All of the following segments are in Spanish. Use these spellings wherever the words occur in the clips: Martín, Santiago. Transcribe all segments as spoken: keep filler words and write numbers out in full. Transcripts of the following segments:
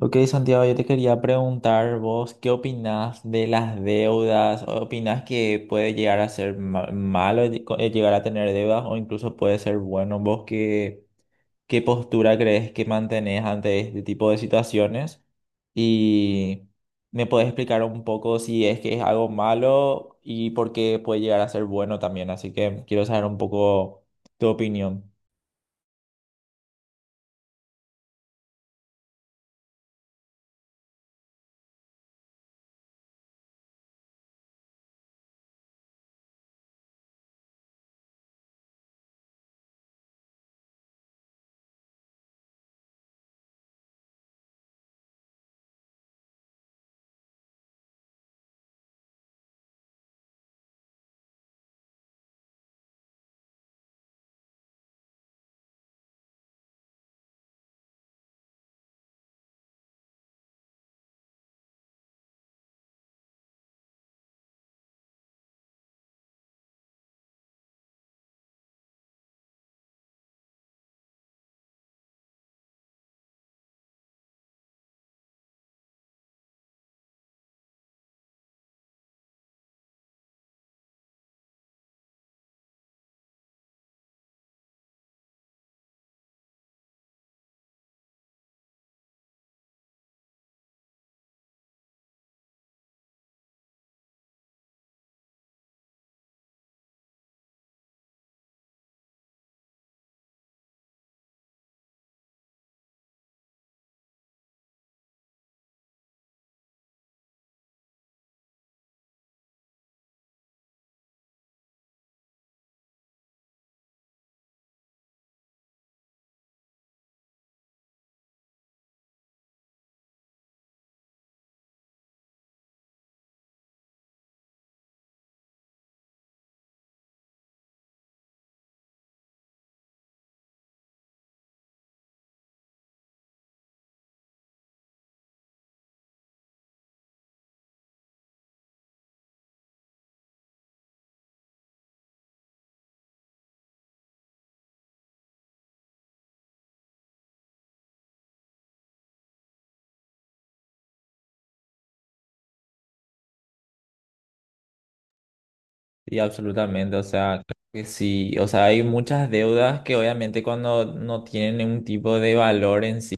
Ok, Santiago, yo te quería preguntar vos, ¿qué opinás de las deudas? ¿Opinás que puede llegar a ser ma- malo el co- el llegar a tener deudas o incluso puede ser bueno? ¿Vos qué, qué postura crees que mantenés ante este tipo de situaciones? Y me puedes explicar un poco si es que es algo malo y por qué puede llegar a ser bueno también. Así que quiero saber un poco tu opinión. Sí, absolutamente, o sea, creo que sí, o sea, hay muchas deudas que obviamente cuando no tienen un tipo de valor en sí,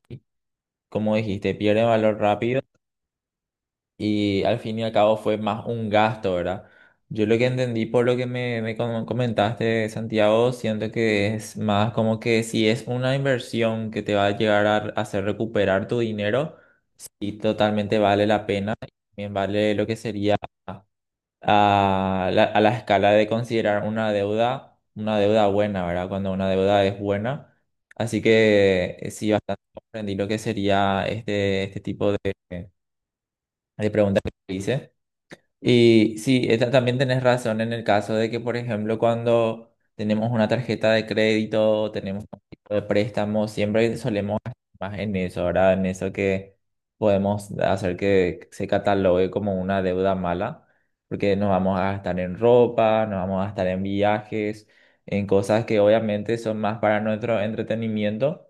como dijiste, pierde valor rápido y al fin y al cabo fue más un gasto, ¿verdad? Yo lo que entendí por lo que me, me com- comentaste, Santiago, siento que es más como que si es una inversión que te va a llegar a hacer recuperar tu dinero, sí, totalmente vale la pena, también vale lo que sería a la, a la escala de considerar una deuda, una deuda buena, ¿verdad? Cuando una deuda es buena. Así que eh, sí, bastante comprendí lo que sería este, este tipo de, de preguntas que hice. Y sí, esta- también tenés razón en el caso de que, por ejemplo, cuando tenemos una tarjeta de crédito, tenemos un tipo de préstamo, siempre solemos gastar más en eso, ¿verdad? En eso que podemos hacer que se catalogue como una deuda mala, porque nos vamos a gastar en ropa, nos vamos a gastar en viajes, en cosas que obviamente son más para nuestro entretenimiento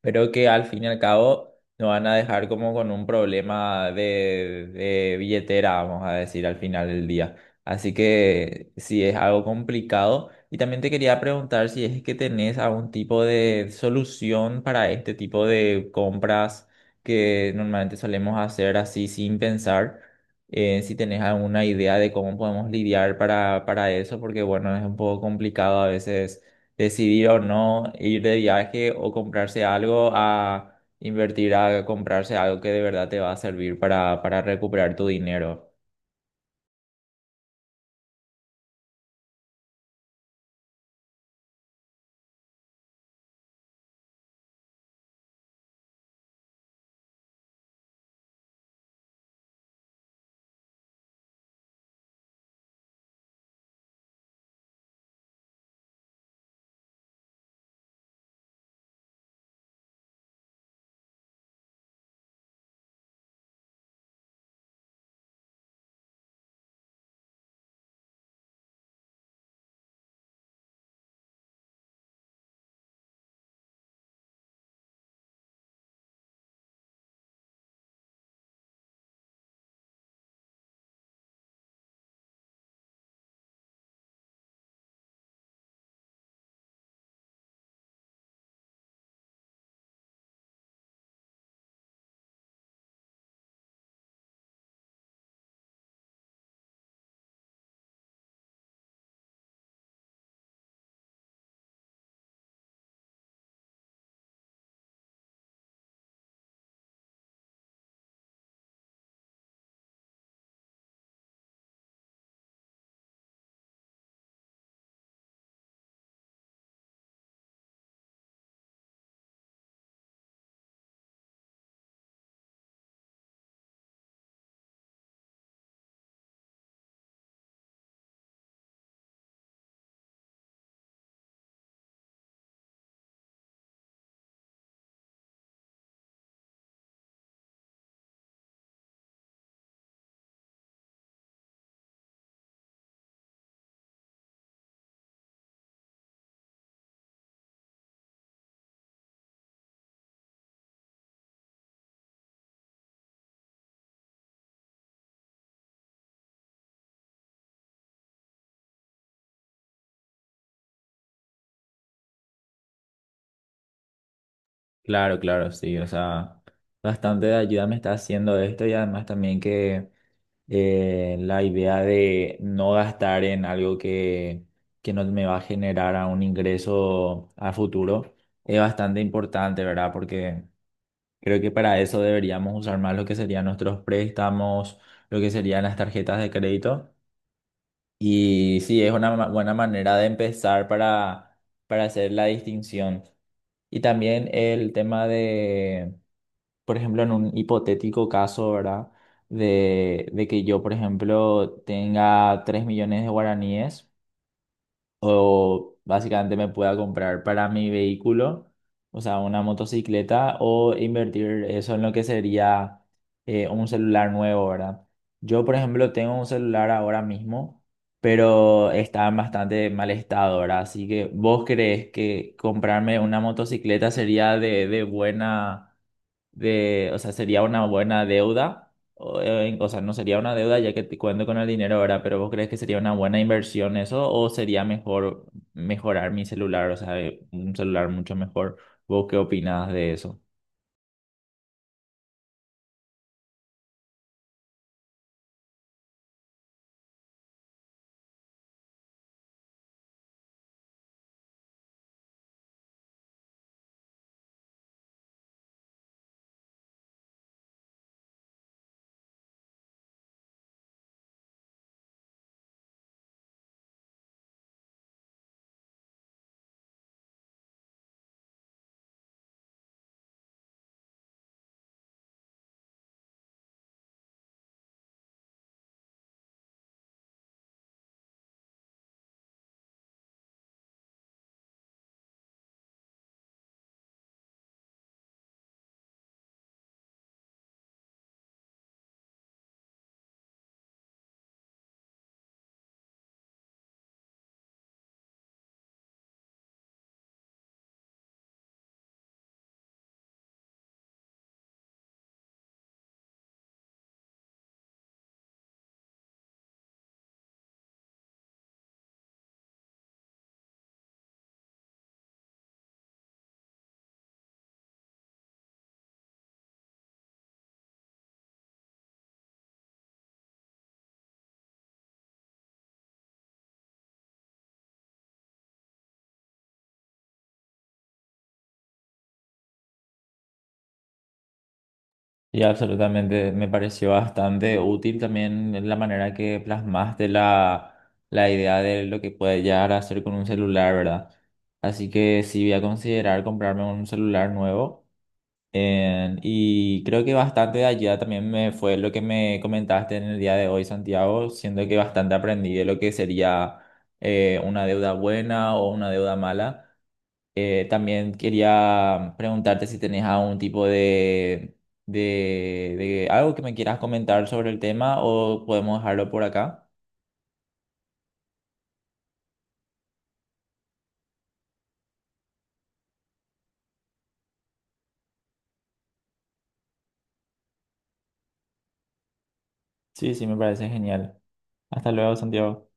pero que al fin y al cabo nos van a dejar como con un problema de, de billetera, vamos a decir, al final del día. Así que sí es algo complicado. Y también te quería preguntar si es que tenés algún tipo de solución para este tipo de compras que normalmente solemos hacer así sin pensar. Eh, si tenés alguna idea de cómo podemos lidiar para, para eso, porque bueno, es un poco complicado a veces decidir o no ir de viaje o comprarse algo a invertir a comprarse algo que de verdad te va a servir para, para recuperar tu dinero. Claro, claro, sí, o sea, bastante de ayuda me está haciendo esto y además también que eh, la idea de no gastar en algo que, que no me va a generar a un ingreso a futuro es bastante importante, ¿verdad? Porque creo que para eso deberíamos usar más lo que serían nuestros préstamos, lo que serían las tarjetas de crédito. Y sí, es una ma- buena manera de empezar para, para hacer la distinción. Y también el tema de, por ejemplo, en un hipotético caso, ¿verdad? De, de que yo, por ejemplo, tenga tres millones de guaraníes o básicamente me pueda comprar para mi vehículo, o sea, una motocicleta, o invertir eso en lo que sería eh, un celular nuevo, ¿verdad? Yo, por ejemplo, tengo un celular ahora mismo, pero está en bastante mal estado, ¿verdad? Así que, ¿vos crees que comprarme una motocicleta sería de, de buena, de, o sea, sería una buena deuda? O, eh, o sea, no sería una deuda ya que te cuento con el dinero ahora, pero ¿vos crees que sería una buena inversión eso o sería mejor mejorar mi celular, o sea, eh, un celular mucho mejor? ¿Vos qué opinás de eso? Y absolutamente, me pareció bastante útil también la manera que plasmaste la, la idea de lo que puede llegar a hacer con un celular, ¿verdad? Así que sí voy a considerar comprarme un celular nuevo. Eh, y creo que bastante de allá también me fue lo que me comentaste en el día de hoy, Santiago, siendo que bastante aprendí de lo que sería eh, una deuda buena o una deuda mala. Eh, también quería preguntarte si tenés algún tipo de, de, de algo que me quieras comentar sobre el tema o podemos dejarlo por acá. Sí, sí, me parece genial. Hasta luego, Santiago.